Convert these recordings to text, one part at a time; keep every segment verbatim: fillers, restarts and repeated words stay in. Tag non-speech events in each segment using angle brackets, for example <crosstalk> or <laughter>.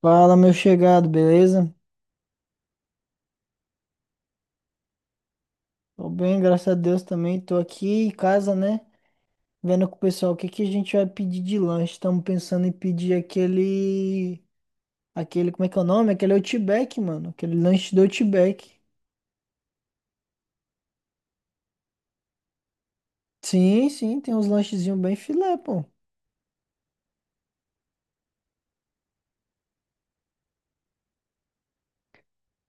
Fala, meu chegado, beleza? Tô bem, graças a Deus também. Tô aqui em casa, né? Vendo com o pessoal o que que a gente vai pedir de lanche. Estamos pensando em pedir aquele. Aquele, como é que é o nome? Aquele Outback, mano. Aquele lanche do Outback. Sim, sim, tem uns lanchezinhos bem filé, pô.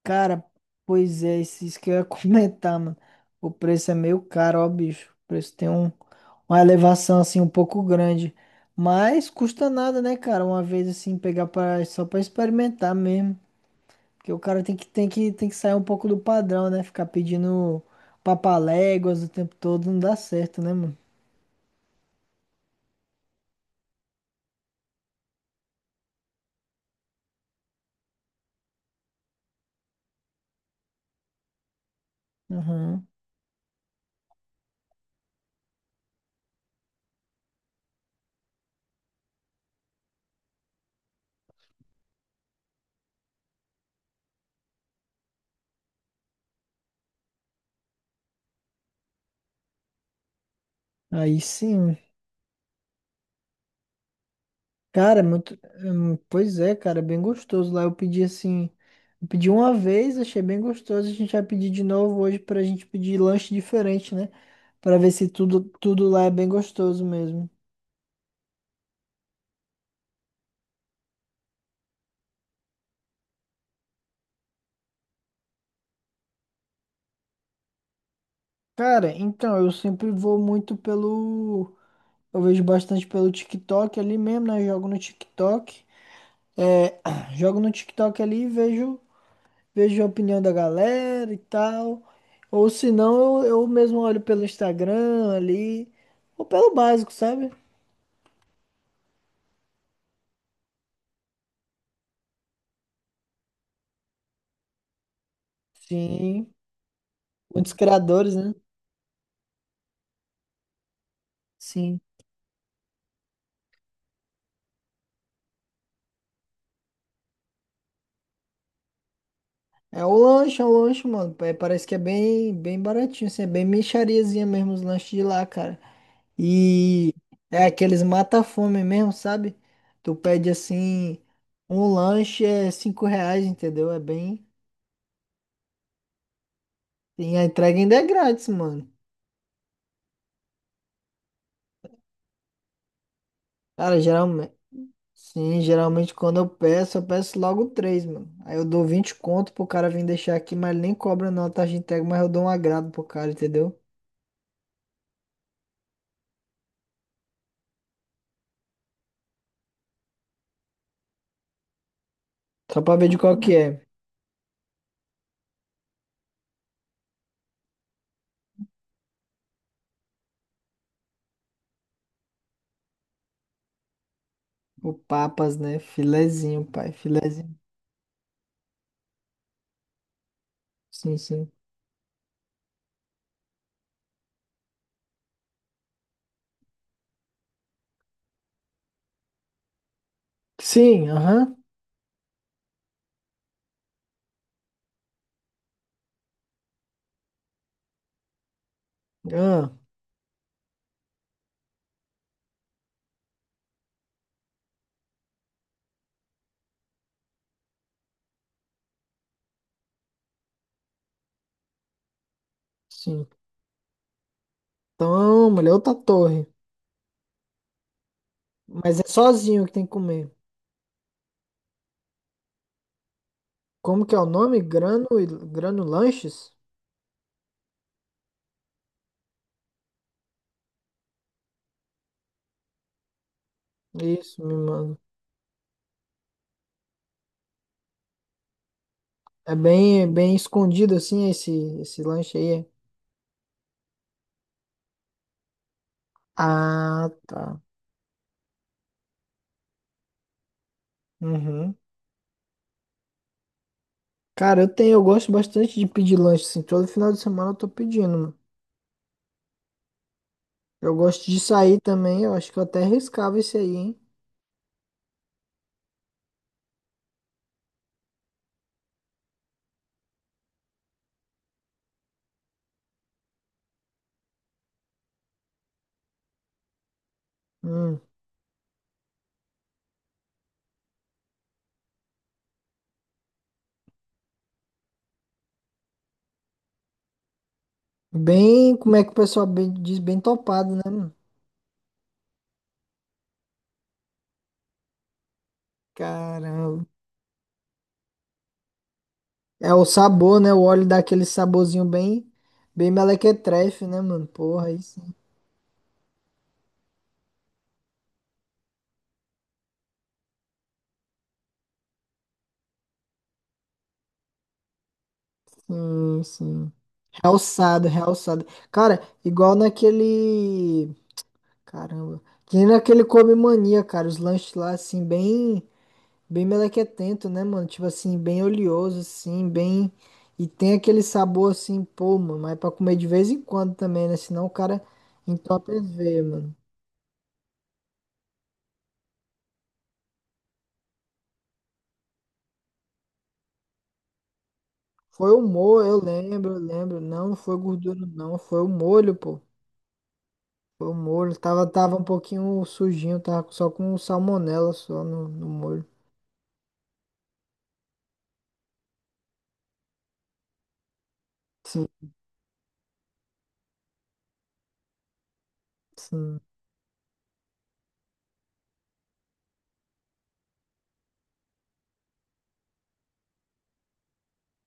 Cara, pois é, isso isso que eu ia <laughs> comentar, mano. O preço é meio caro, ó, bicho. O preço tem um, uma elevação, assim, um pouco grande. Mas custa nada, né, cara? Uma vez, assim, pegar pra, só pra experimentar mesmo. Porque o cara tem que, tem que, tem que sair um pouco do padrão, né? Ficar pedindo papaléguas o tempo todo não dá certo, né, mano? Aham. Aí sim. Cara, é muito. hum, Pois é, cara, é bem gostoso lá. Eu pedi assim. Eu pedi uma vez, achei bem gostoso. A gente vai pedir de novo hoje pra gente pedir lanche diferente, né? Pra ver se tudo, tudo lá é bem gostoso mesmo. Cara, então, eu sempre vou muito pelo. Eu vejo bastante pelo TikTok ali mesmo, né? Jogo no TikTok. É, <clears throat> jogo no TikTok ali e vejo. vejo a opinião da galera e tal. Ou se não, eu, eu mesmo olho pelo Instagram ali, ou pelo básico, sabe? Sim, muitos criadores, né? Sim. É o lanche, é o lanche, mano. É, parece que é bem, bem baratinho, assim, é bem mixariazinha mesmo os lanches de lá, cara. E é aqueles mata-fome mesmo, sabe? Tu pede assim, um lanche é cinco reais, entendeu? É bem. E a entrega ainda é grátis, mano. Cara, geral, sim, geralmente quando eu peço, eu peço logo três, mano. Aí eu dou vinte conto pro cara vir deixar aqui, mas ele nem cobra não a taxa de entrega, mas eu dou um agrado pro cara, entendeu? Só pra ver de qual que é. O Papas, né? Filezinho, pai, filezinho. Sim, sim. Sim, aham. Ah, sim. Então, mulher, outra torre. Mas é sozinho que tem que comer. Como que é o nome? Grano, Grano Lanches? Isso, me manda. É bem, bem escondido assim esse, esse lanche aí. É? Ah, tá. Uhum. Cara, eu tenho, eu gosto bastante de pedir lanche, assim, todo final de semana eu tô pedindo, mano. Eu gosto de sair também, eu acho que eu até riscava esse aí, hein? Hum. Bem, como é que o pessoal bem- diz, bem topado, né, mano? Caramba. É o sabor, né? O óleo dá aquele saborzinho bem, bem melequetrefe, né, mano? Porra, aí sim, sim, sim. Realçado, realçado. Cara, igual naquele. Caramba. Que nem naquele Come Mania, cara, os lanches lá, assim, bem, bem melequetento, né, mano? Tipo assim, bem oleoso, assim, bem. E tem aquele sabor assim, pô, mano, mas é pra comer de vez em quando também, né? Senão o cara entope as veias, mano. Foi o molho, eu lembro, eu lembro. Não, não foi gordura, não. Foi o molho, pô. Foi o molho. Tava, tava um pouquinho sujinho, tava só com salmonela só no, no molho. Sim, sim.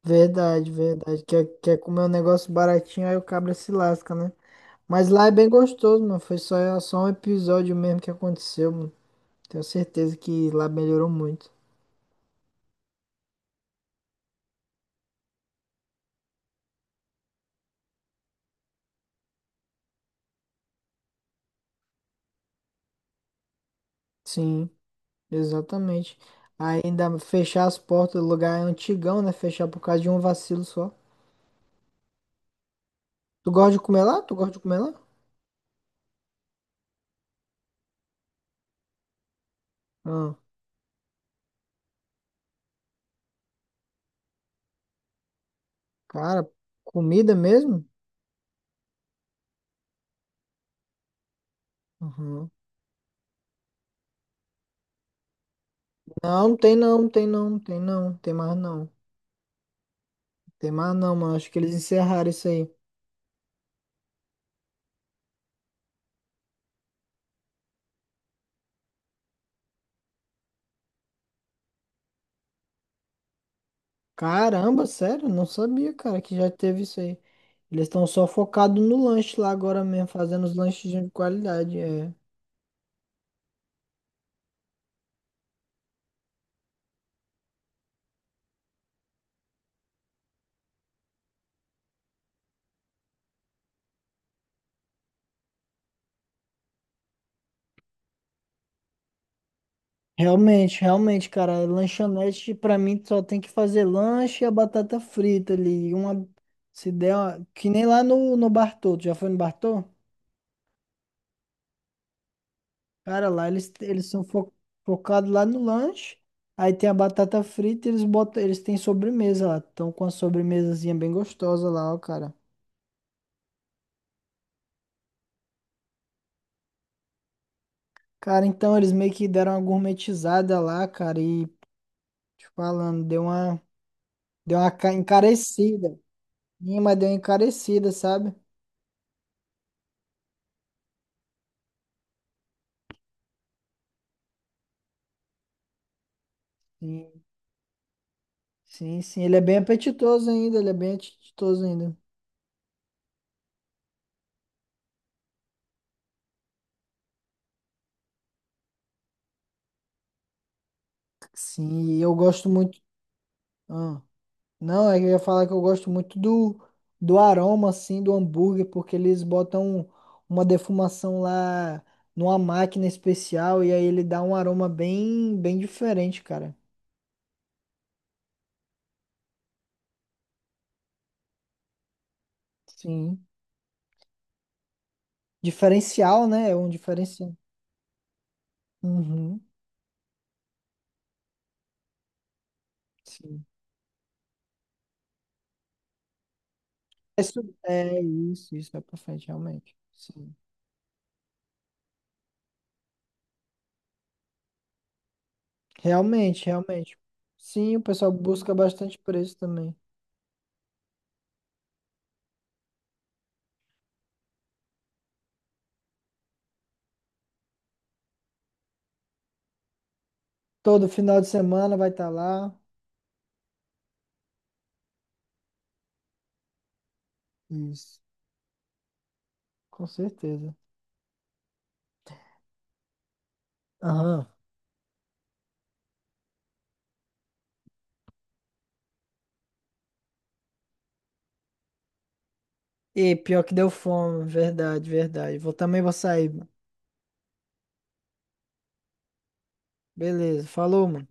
Verdade, verdade. Quer, quer comer um negócio baratinho, aí o cabra se lasca, né? Mas lá é bem gostoso, mano. Foi só, só um episódio mesmo que aconteceu, mano. Tenho certeza que lá melhorou muito. Sim, exatamente. Aí ainda fechar as portas do lugar é antigão, né? Fechar por causa de um vacilo só. Tu gosta de comer lá? Tu gosta de comer lá? Ah, cara, comida mesmo? Uhum. Não, não tem não, não tem não, não tem não, tem mais não. Tem mais não, mano. Acho que eles encerraram isso aí. Caramba, sério? Não sabia, cara, que já teve isso aí. Eles estão só focados no lanche lá agora mesmo, fazendo os lanches de qualidade. É. Realmente, realmente, cara. Lanchonete, pra mim, só tem que fazer lanche e a batata frita ali. Uma, se der uma, que nem lá no, no Bartô. Tu já foi no Bartô? Cara, lá eles, eles são fo- focados lá no lanche. Aí tem a batata frita e eles botam, eles têm sobremesa lá. Estão com a sobremesazinha bem gostosa lá, ó, cara. Cara, então eles meio que deram uma gourmetizada lá, cara, e te falando, deu uma, deu uma ca- encarecida. Sim, mas deu uma encarecida, sabe? Sim, sim, sim. Ele é bem apetitoso ainda, ele é bem apetitoso ainda. Sim, e eu gosto muito. Ah, não, é que eu ia falar que eu gosto muito do, do aroma, assim, do hambúrguer, porque eles botam uma defumação lá numa máquina especial e aí ele dá um aroma bem, bem diferente, cara. Sim. Diferencial, né? É um diferencial. Uhum, sim. É, su- é isso, isso é pra frente, realmente. Sim. Realmente, realmente. Sim, o pessoal busca bastante por isso também. Todo final de semana vai estar lá. Isso, com certeza. Aham. E pior que deu fome, verdade, verdade. Vou também vou sair, mano. Beleza, falou, mano.